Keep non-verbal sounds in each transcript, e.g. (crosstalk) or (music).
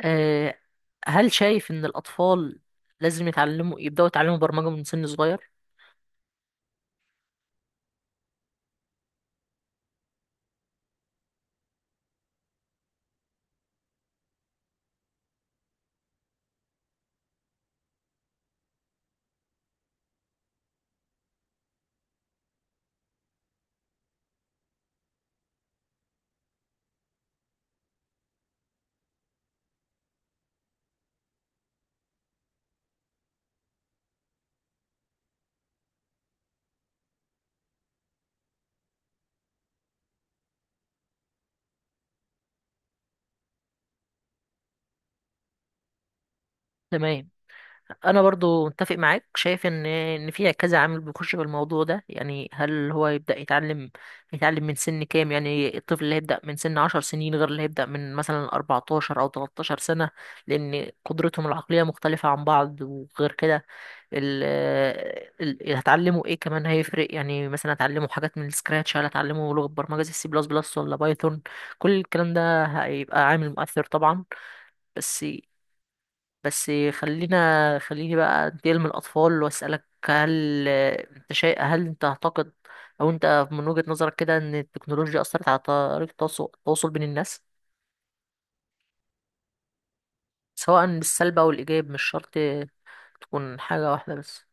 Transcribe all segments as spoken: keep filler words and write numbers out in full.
آه، هل شايف إن الأطفال لازم يتعلموا يبدأوا يتعلموا برمجة من سن صغير؟ تمام. انا برضو متفق معاك، شايف ان ان في كذا عامل بيخش بالموضوع ده، يعني هل هو يبدا يتعلم يتعلم من سن كام؟ يعني الطفل اللي هيبدا من سن 10 سنين غير اللي هيبدا من مثلا أربعة عشر او ثلاث عشرة سنة سنه، لان قدرتهم العقليه مختلفه عن بعض. وغير كده ال ال- اللي هتعلمه ايه كمان هيفرق، يعني مثلا هتعلمه حاجات من السكراتش، هل هتعلمه لغه برمجه زي سي بلس بلس ولا بايثون؟ كل الكلام ده هيبقى عامل مؤثر طبعا. بس بس خلينا خليني بقى انتقل من الأطفال وأسألك، هل انت شيء هل انت تعتقد أو انت من وجهة نظرك كده ان التكنولوجيا أثرت على طريقة التواصل التواصل بين الناس، سواء بالسلب أو الإيجاب؟ مش شرط تكون حاجة واحدة بس.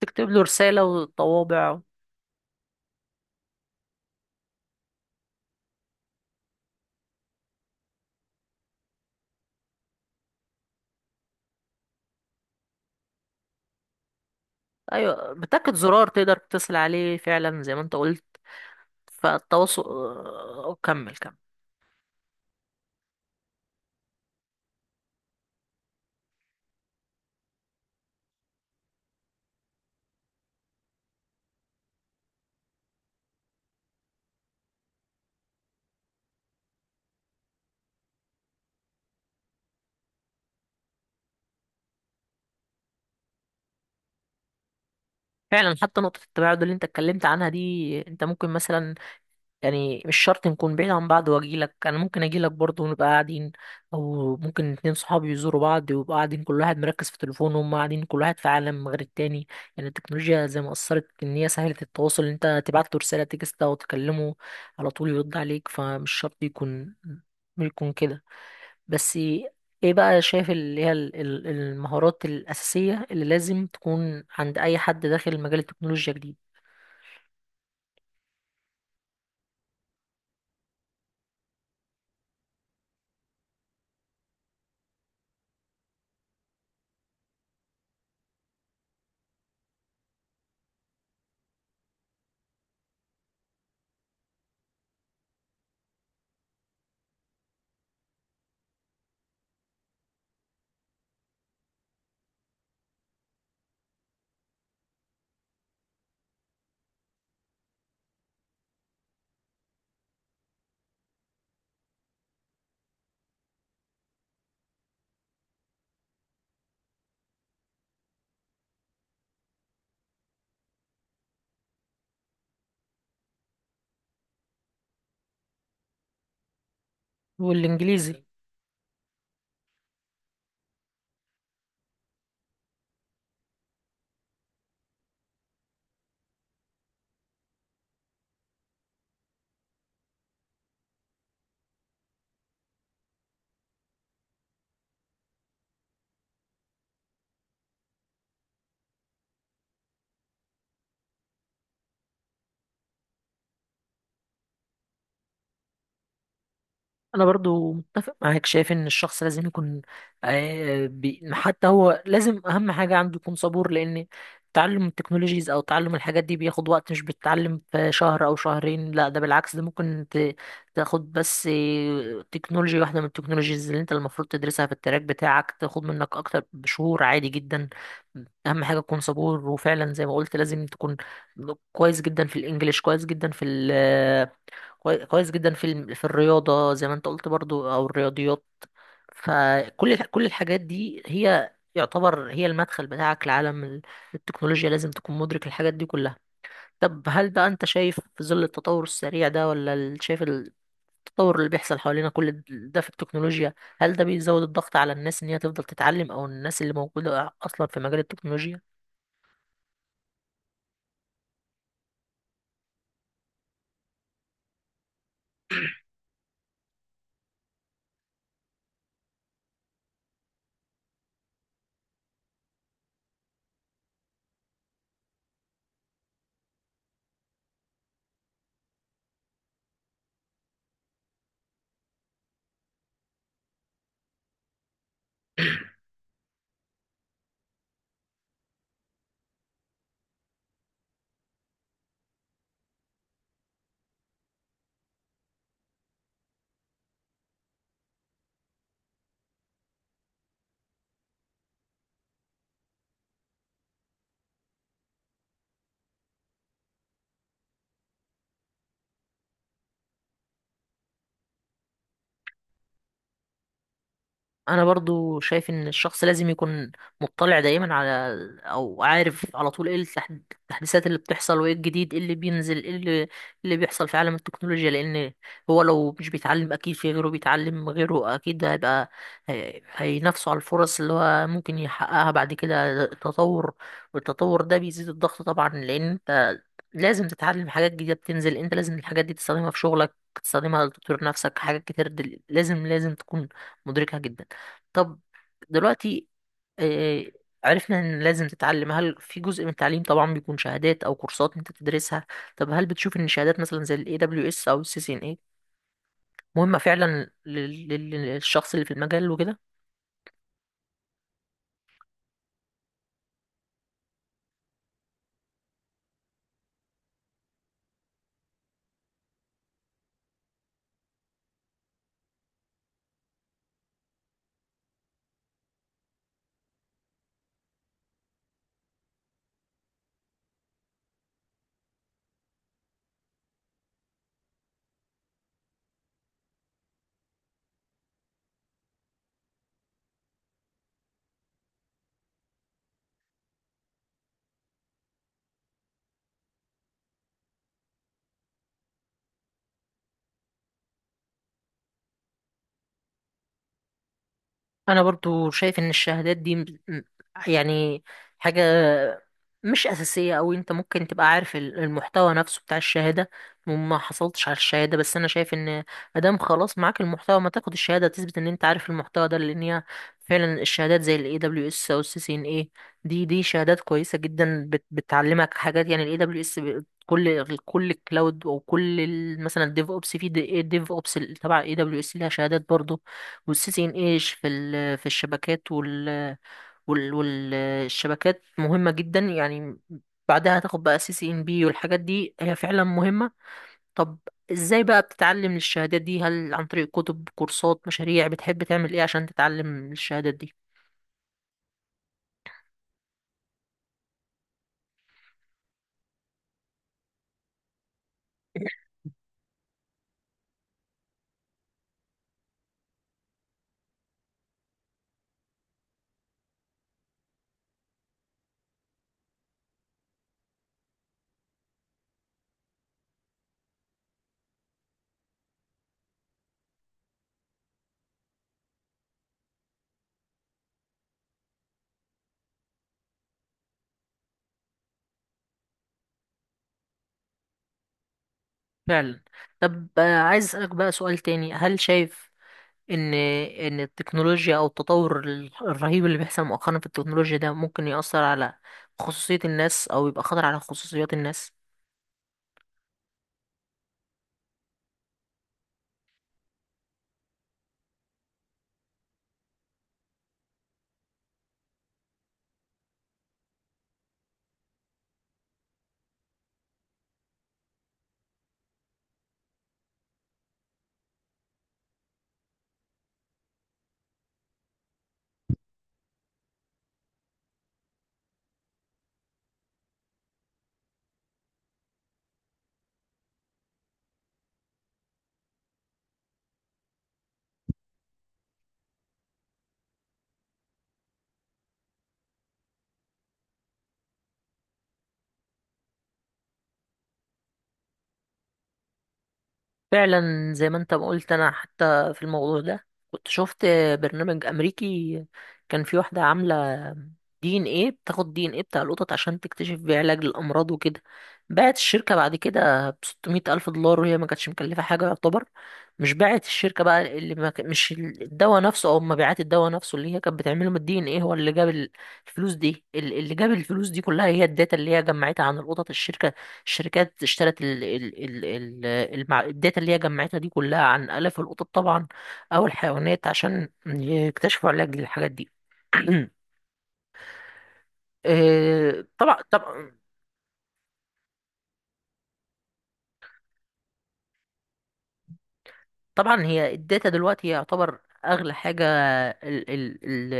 تكتب له رسالة وطوابع. أيوة، بتاكد زرار تقدر تتصل عليه فعلا زي ما انت قلت. فالتواصل، آه، كمل كمل. فعلا، حتى نقطة التباعد اللي انت اتكلمت عنها دي، انت ممكن مثلا، يعني مش شرط نكون بعيد عن بعض واجيلك، انا ممكن اجيلك برضه ونبقى قاعدين، او ممكن اتنين صحابي يزوروا بعض ويبقى قاعدين كل واحد مركز في تليفونه، وهم قاعدين كل واحد في عالم غير التاني. يعني التكنولوجيا زي ما اثرت ان هي سهلت التواصل، إن انت تبعت له رساله تكست او تكلمه على طول يرد عليك، فمش شرط يكون يكون كده. بس ايه بقى شايف اللي هي ال- ال- المهارات الاساسيه اللي لازم تكون عند اي حد داخل مجال التكنولوجيا جديد؟ والانجليزي. انا برضو متفق معاك، شايف ان الشخص لازم يكون، آه، بي- حتى هو لازم اهم حاجة عنده يكون صبور، لان تعلم التكنولوجيز او تعلم الحاجات دي بياخد وقت، مش بتتعلم في شهر او شهرين، لا، ده بالعكس، ده ممكن ت- تاخد بس آه، تكنولوجيا واحدة من التكنولوجيز اللي انت المفروض تدرسها في التراك بتاعك، تاخد منك اكتر بشهور عادي جدا. اهم حاجة تكون صبور، وفعلا زي ما قلت لازم تكون كويس جدا في الانجليش، كويس جدا في، كوي- كويس جدا في الم- في الرياضة زي ما انت قلت برضو، او الرياضيات. فكل الح- كل الحاجات دي هي يعتبر هي المدخل بتاعك لعالم ال- التكنولوجيا، لازم تكون مدرك الحاجات دي كلها. طب هل بقى انت شايف في ظل التطور السريع ده، ولا ال- شايف التطور اللي بيحصل حوالينا كل د- ده في التكنولوجيا، هل ده بيزود الضغط على الناس ان هي تفضل تتعلم، او الناس اللي موجودة اصلا في مجال التكنولوجيا؟ انا برضو شايف ان الشخص لازم يكون مطلع دايما على، او عارف على طول ايه التح- التحديثات اللي بتحصل وايه الجديد، ايه اللي بينزل، ايه اللي, إيه اللي بيحصل في عالم التكنولوجيا. لان هو لو مش بيتعلم، اكيد في غيره بيتعلم، غيره اكيد هيبقى هي- هينافسه على الفرص اللي هو ممكن يحققها بعد كده. التطور، والتطور ده بيزيد الضغط طبعا، لان انت لازم تتعلم حاجات جديدة بتنزل، انت لازم الحاجات دي تستخدمها في شغلك، تستخدمها لتطوير نفسك، حاجات كتير دل... لازم لازم تكون مدركها جدا. طب دلوقتي، آه، عرفنا ان لازم تتعلم. هل في جزء من التعليم طبعا بيكون شهادات او كورسات انت تدرسها؟ طب هل بتشوف ان الشهادات مثلا زي الاي دبليو اس او السي سي ان اي مهمة فعلا لل- لل- للشخص اللي في المجال وكده؟ انا برضو شايف ان الشهادات دي م- م- يعني حاجة مش اساسية، او انت ممكن تبقى عارف ال- المحتوى نفسه بتاع الشهادة وما حصلتش على الشهادة، بس انا شايف ان ادام خلاص معاك المحتوى ما تاخد الشهادة تثبت ان انت عارف المحتى ده، لان هي فعلا الشهادات زي الاي دبليو اس او السي سي ان اي دي دي شهادات كويسة جدا، بت بتعلمك حاجات، يعني الاي دبليو اس كل كل الكلاود، او كل ال- مثلا الديف اوبس. في ديف اوبس تبع اي دبليو اس ليها شهادات برضو، والسيسي انقاش في ال- في الشبكات، وال وال والشبكات مهمة جدا يعني، بعدها هتاخد بقى سي سي ان بي، والحاجات دي هي فعلا مهمة. طب ازاي بقى بتتعلم الشهادات دي، هل عن طريق كتب، كورسات، مشاريع، بتحب تعمل ايه عشان تتعلم الشهادات دي؟ فعلا. طب آه، عايز اسألك بقى سؤال تاني، هل شايف ان ان التكنولوجيا او التطور ال- الرهيب اللي بيحصل مؤخرا في التكنولوجيا ده ممكن يأثر على خصوصية الناس، او يبقى خطر على خصوصيات الناس؟ فعلا زي ما انت ما قلت. انا حتى في الموضوع ده كنت شفت برنامج امريكي، كان في واحده عامله دي ان ايه، بتاخد دي ان ايه بتاع القطط عشان تكتشف بيه علاج للامراض وكده، باعت الشركه بعد كده ب ستمائة الف دولار، وهي ما كانتش مكلفه حاجه يعتبر. مش باعت الشركه بقى اللي ما ك- مش الدواء نفسه او مبيعات الدواء نفسه اللي هي كانت بتعمله من الدي ان ايه، هو اللي جاب ال- الفلوس دي، ال- اللي جاب الفلوس دي كلها هي الداتا اللي هي جمعتها عن القطط الشركه. الشركات اشترت ال ال ال المع... الداتا اللي هي جمعتها دي كلها عن آلاف القطط طبعا، أو الحيوانات، عشان يكتشفوا علاج للحاجات دي. (clears throat) آه، طبعا طبعا. طبعا هي الداتا دلوقتي يعتبر اغلى حاجه ال- ال- ال-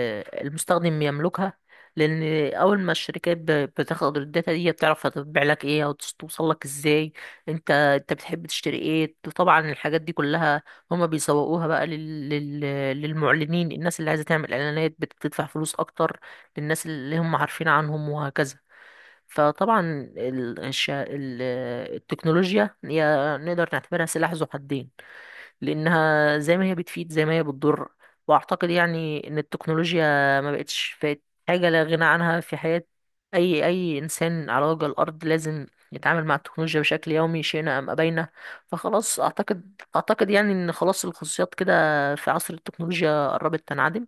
المستخدم يملكها، لان اول ما الشركات ب- بتاخد الداتا دي بتعرف هتبيع لك ايه، او تس- توصل لك ازاي، انت انت بتحب تشتري ايه. طبعا الحاجات دي كلها هما بيسوقوها بقى لل- لل- للمعلنين، الناس اللي عايزه تعمل اعلانات بتدفع فلوس اكتر للناس اللي هم عارفين عنهم، وهكذا. فطبعا ال- الش- ال- التكنولوجيا هي، نقدر نعتبرها سلاح ذو حدين، لانها زي ما هي بتفيد زي ما هي بتضر. واعتقد يعني ان التكنولوجيا ما بقتش، فات حاجه لا غنى عنها في حياه اي اي انسان على وجه الارض، لازم يتعامل مع التكنولوجيا بشكل يومي شئنا ام ابينا. فخلاص اعتقد اعتقد يعني ان خلاص الخصوصيات كده في عصر التكنولوجيا قربت تنعدم.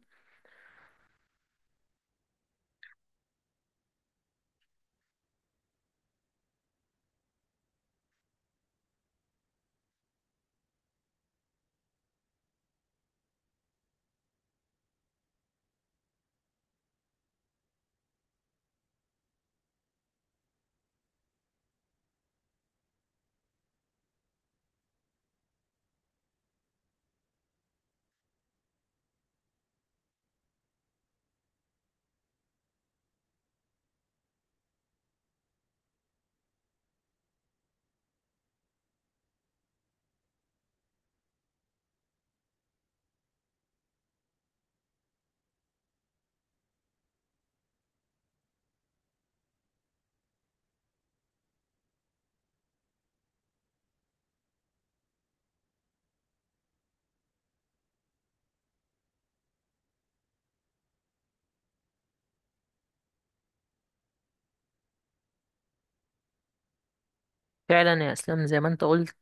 فعلا يا اسلام، زي ما انت قلت،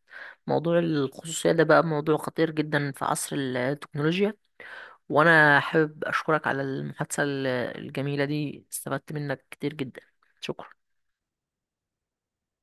موضوع الخصوصيه ده بقى موضوع خطير جدا في عصر التكنولوجيا، وانا حابب اشكرك على المحادثة ال- الجميلة دي، استفدت منك كتير جدا. شكرا.